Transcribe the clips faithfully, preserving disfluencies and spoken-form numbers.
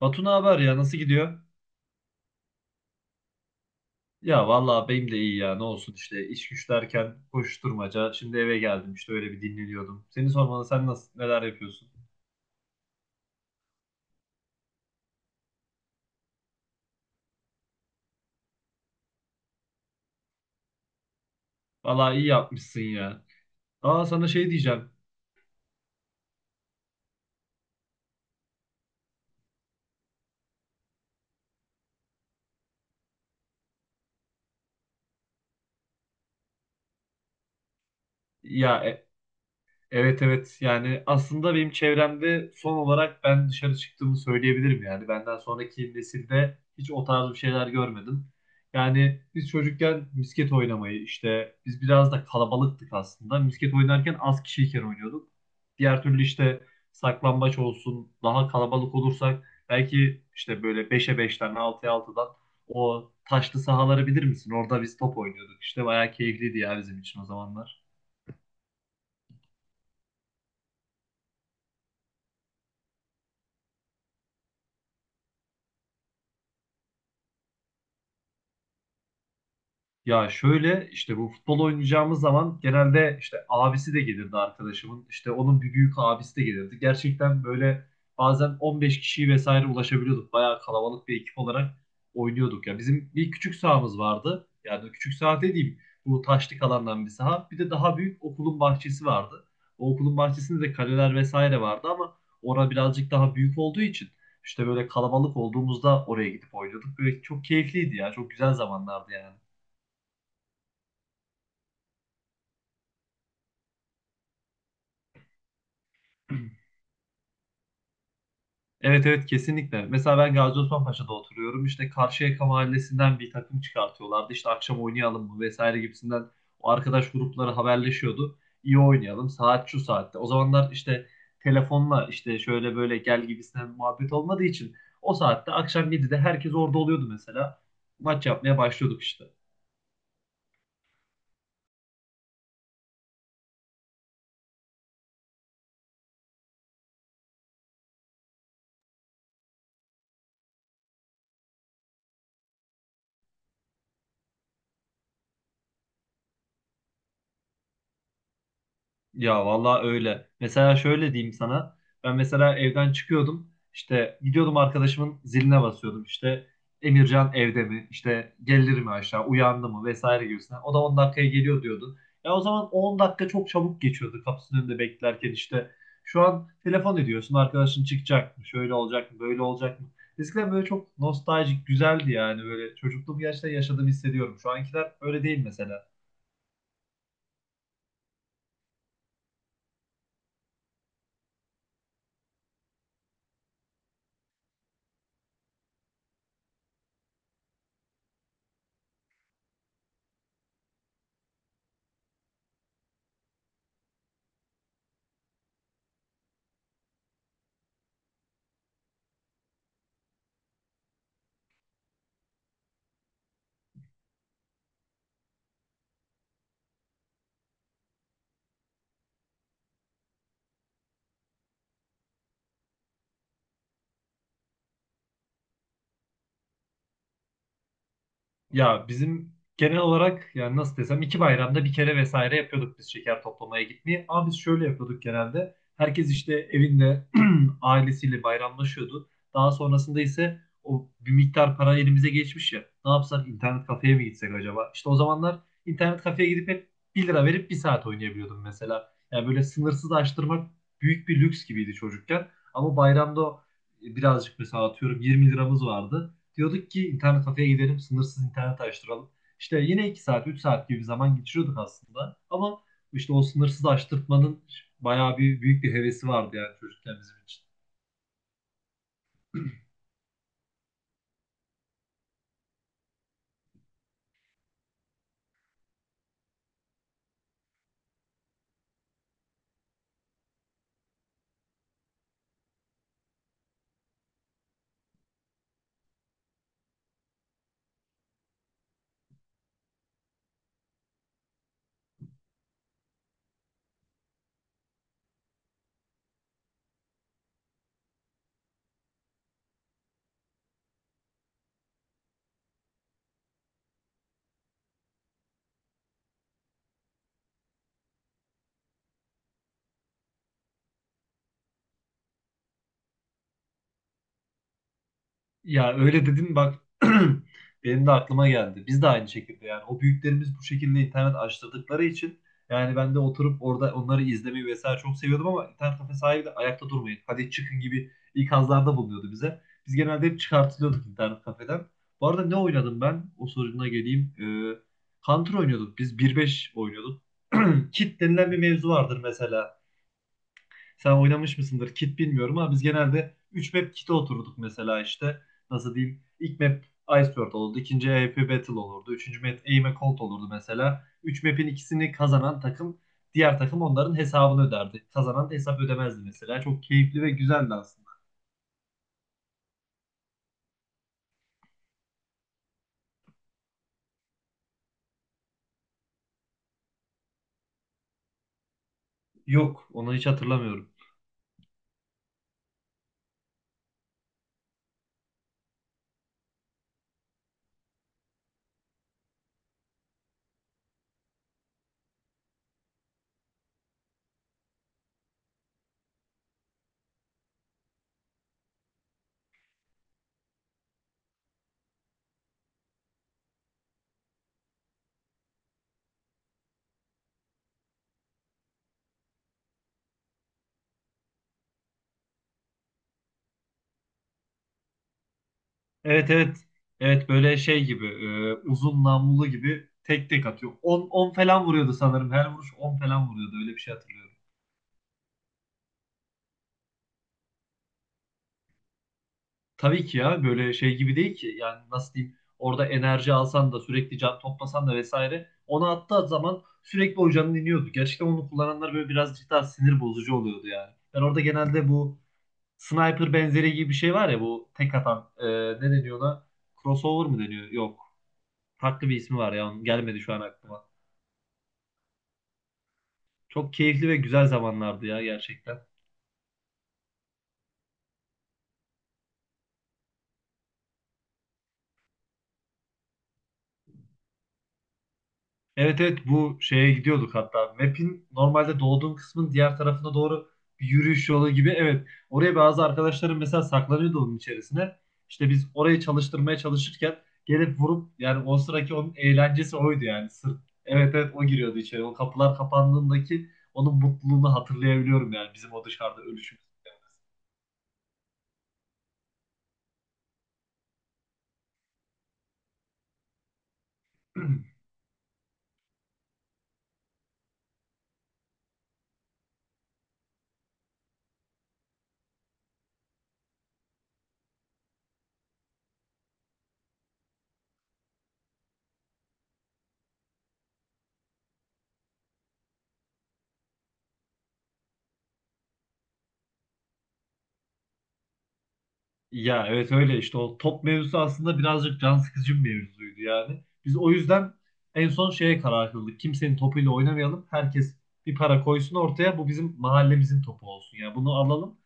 Batu, ne haber ya, nasıl gidiyor? Ya vallahi benim de iyi ya, ne olsun işte, iş güç derken koşturmaca. Şimdi eve geldim, işte öyle bir dinleniyordum. Seni sormalı, sen nasıl, neler yapıyorsun? Vallahi iyi yapmışsın ya. Aa, sana şey diyeceğim. Ya e, Evet evet, yani aslında benim çevremde son olarak ben dışarı çıktığımı söyleyebilirim, yani benden sonraki nesilde hiç o tarz bir şeyler görmedim. Yani biz çocukken misket oynamayı, işte biz biraz da kalabalıktık aslında. Misket oynarken az kişiyken oynuyorduk. Diğer türlü işte, saklambaç olsun, daha kalabalık olursak belki işte böyle beşe beşten altıya altıdan, o taşlı sahaları bilir misin? Orada biz top oynuyorduk işte, bayağı keyifliydi ya bizim için o zamanlar. Ya şöyle işte, bu futbol oynayacağımız zaman genelde işte abisi de gelirdi arkadaşımın. İşte onun bir büyük abisi de gelirdi. Gerçekten böyle bazen on beş kişiyi vesaire ulaşabiliyorduk. Bayağı kalabalık bir ekip olarak oynuyorduk. Ya bizim bir küçük sahamız vardı. Yani küçük saha dediğim, bu taşlık alandan bir saha. Bir de daha büyük okulun bahçesi vardı. O okulun bahçesinde de kaleler vesaire vardı ama orada birazcık daha büyük olduğu için işte böyle kalabalık olduğumuzda oraya gidip oynuyorduk. Böyle çok keyifliydi ya. Çok güzel zamanlardı yani. Evet evet, kesinlikle. Mesela ben Gazi Osman Paşa'da oturuyorum. İşte Karşıyaka Mahallesi'nden bir takım çıkartıyorlardı. İşte akşam oynayalım mı vesaire gibisinden, o arkadaş grupları haberleşiyordu. İyi oynayalım. Saat şu saatte. O zamanlar işte telefonla işte şöyle böyle gel gibisinden muhabbet olmadığı için, o saatte akşam yedide herkes orada oluyordu mesela. Maç yapmaya başlıyorduk işte. Ya vallahi öyle. Mesela şöyle diyeyim sana. Ben mesela evden çıkıyordum. İşte gidiyordum arkadaşımın ziline basıyordum. İşte Emircan evde mi? İşte gelir mi aşağı? Uyandı mı? Vesaire gibisinden. O da on dakikaya geliyor diyordu. Ya o zaman on dakika çok çabuk geçiyordu kapısının önünde beklerken işte. Şu an telefon ediyorsun, arkadaşın çıkacak mı? Şöyle olacak mı? Böyle olacak mı? Eskiden böyle çok nostaljik güzeldi yani, böyle çocukluğum gerçekten yaşadığımı hissediyorum. Şu ankiler öyle değil mesela. Ya bizim genel olarak, yani nasıl desem, iki bayramda bir kere vesaire yapıyorduk biz şeker toplamaya gitmeyi. Ama biz şöyle yapıyorduk genelde. Herkes işte evinde ailesiyle bayramlaşıyordu. Daha sonrasında ise o bir miktar para elimize geçmiş ya. Ne yapsak, internet kafeye mi gitsek acaba? İşte o zamanlar internet kafeye gidip hep bir lira verip bir saat oynayabiliyordum mesela. Yani böyle sınırsız açtırmak büyük bir lüks gibiydi çocukken. Ama bayramda birazcık, mesela atıyorum yirmi liramız vardı. Diyorduk ki internet kafeye gidelim, sınırsız internet açtıralım. İşte yine iki saat, üç saat gibi bir zaman geçiriyorduk aslında. Ama işte o sınırsız açtırtmanın bayağı bir büyük bir hevesi vardı yani çocukken bizim için. Ya öyle dedim bak, benim de aklıma geldi. Biz de aynı şekilde, yani o büyüklerimiz bu şekilde internet açtırdıkları için yani ben de oturup orada onları izlemeyi vesaire çok seviyordum, ama internet kafe sahibi de ayakta durmayın, hadi çıkın gibi ikazlarda bulunuyordu bize. Biz genelde hep çıkartılıyorduk internet kafeden. Bu arada ne oynadım ben? O soruna geleyim. Ee, Counter oynuyorduk. Biz bir beş oynuyorduk. Kit denilen bir mevzu vardır mesela. Sen oynamış mısındır? Kit bilmiyorum ama biz genelde üç map kit'e oturduk mesela işte. Nasıl diyeyim? İlk map Iceberg olurdu. İkinci A W P Battle olurdu. Üçüncü map Aim a Cold olurdu mesela. Üç map'in ikisini kazanan takım, diğer takım onların hesabını öderdi. Kazanan da hesap ödemezdi mesela. Çok keyifli ve güzeldi aslında. Yok, onu hiç hatırlamıyorum. Evet evet. Evet böyle şey gibi, e, uzun namlulu gibi tek tek atıyor. On on falan vuruyordu sanırım. Her vuruş on falan vuruyordu. Öyle bir şey hatırlıyorum. Tabii ki ya, böyle şey gibi değil ki, yani nasıl diyeyim, orada enerji alsan da sürekli can toplasan da vesaire, onu attığı zaman sürekli o canın iniyordu. Gerçekten onu kullananlar böyle birazcık daha sinir bozucu oluyordu yani. Ben orada genelde bu sniper benzeri gibi bir şey var ya, bu tek atan, e, ne deniyor ona? Crossover mı deniyor? Yok. Farklı bir ismi var ya, onun gelmedi şu an aklıma. Çok keyifli ve güzel zamanlardı ya, gerçekten. Evet evet, bu şeye gidiyorduk hatta. Map'in normalde doğduğun kısmın diğer tarafına doğru bir yürüyüş yolu gibi. Evet, oraya bazı arkadaşlarım mesela saklanıyordu onun içerisine. İşte biz orayı çalıştırmaya çalışırken gelip vurup, yani o sıraki onun eğlencesi oydu yani. Sırf, evet evet, o giriyordu içeri. O kapılar kapandığındaki onun mutluluğunu hatırlayabiliyorum, yani bizim o dışarıda ölüşümüz. Ya evet öyle işte, o top mevzusu aslında birazcık can sıkıcı bir mevzuydu yani. Biz o yüzden en son şeye karar kıldık. Kimsenin topuyla oynamayalım. Herkes bir para koysun ortaya. Bu bizim mahallemizin topu olsun. Yani bunu alalım.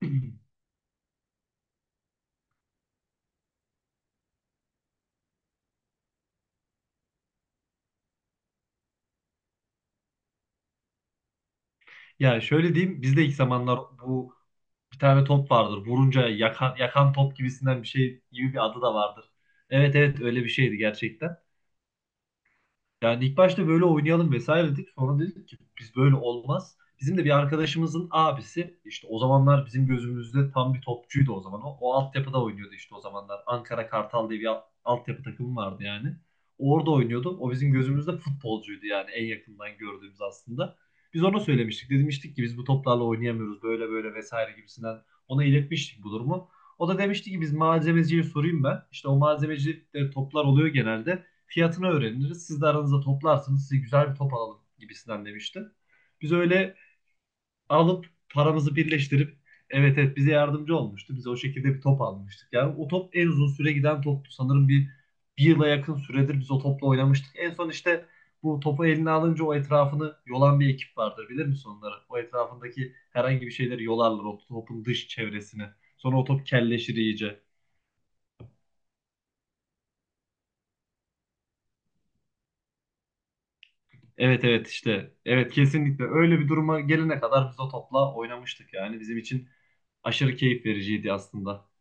Ya şöyle diyeyim. Biz de ilk zamanlar bu bir tane top vardır. Vurunca yakan, yakan top gibisinden bir şey, gibi bir adı da vardır. Evet evet, öyle bir şeydi gerçekten. Yani ilk başta böyle oynayalım vesaire dedik. Sonra dedik ki biz böyle olmaz. Bizim de bir arkadaşımızın abisi, işte o zamanlar bizim gözümüzde tam bir topçuydu o zaman. O, o altyapıda oynuyordu işte o zamanlar. Ankara Kartal diye bir alt- altyapı takımı vardı yani. O orada oynuyordu. O bizim gözümüzde futbolcuydu yani, en yakından gördüğümüz aslında. Biz ona söylemiştik. Demiştik ki biz bu toplarla oynayamıyoruz, böyle böyle vesaire gibisinden. Ona iletmiştik bu durumu. O da demişti ki biz malzemeciye sorayım ben. İşte o malzemeci de toplar oluyor genelde. Fiyatını öğreniriz. Siz de aranızda toplarsınız. Size güzel bir top alalım gibisinden demişti. Biz öyle alıp paramızı birleştirip, evet evet, bize yardımcı olmuştu. Biz o şekilde bir top almıştık. Yani o top en uzun süre giden toptu. Sanırım bir, bir yıla yakın süredir biz o topla oynamıştık. En son işte bu topu eline alınca, o etrafını yolan bir ekip vardır. Bilir misin onları? O etrafındaki herhangi bir şeyleri yolarlar. O topun dış çevresini. Sonra o top kelleşir iyice. Evet evet işte, evet kesinlikle öyle bir duruma gelene kadar biz o topla oynamıştık, yani bizim için aşırı keyif vericiydi aslında.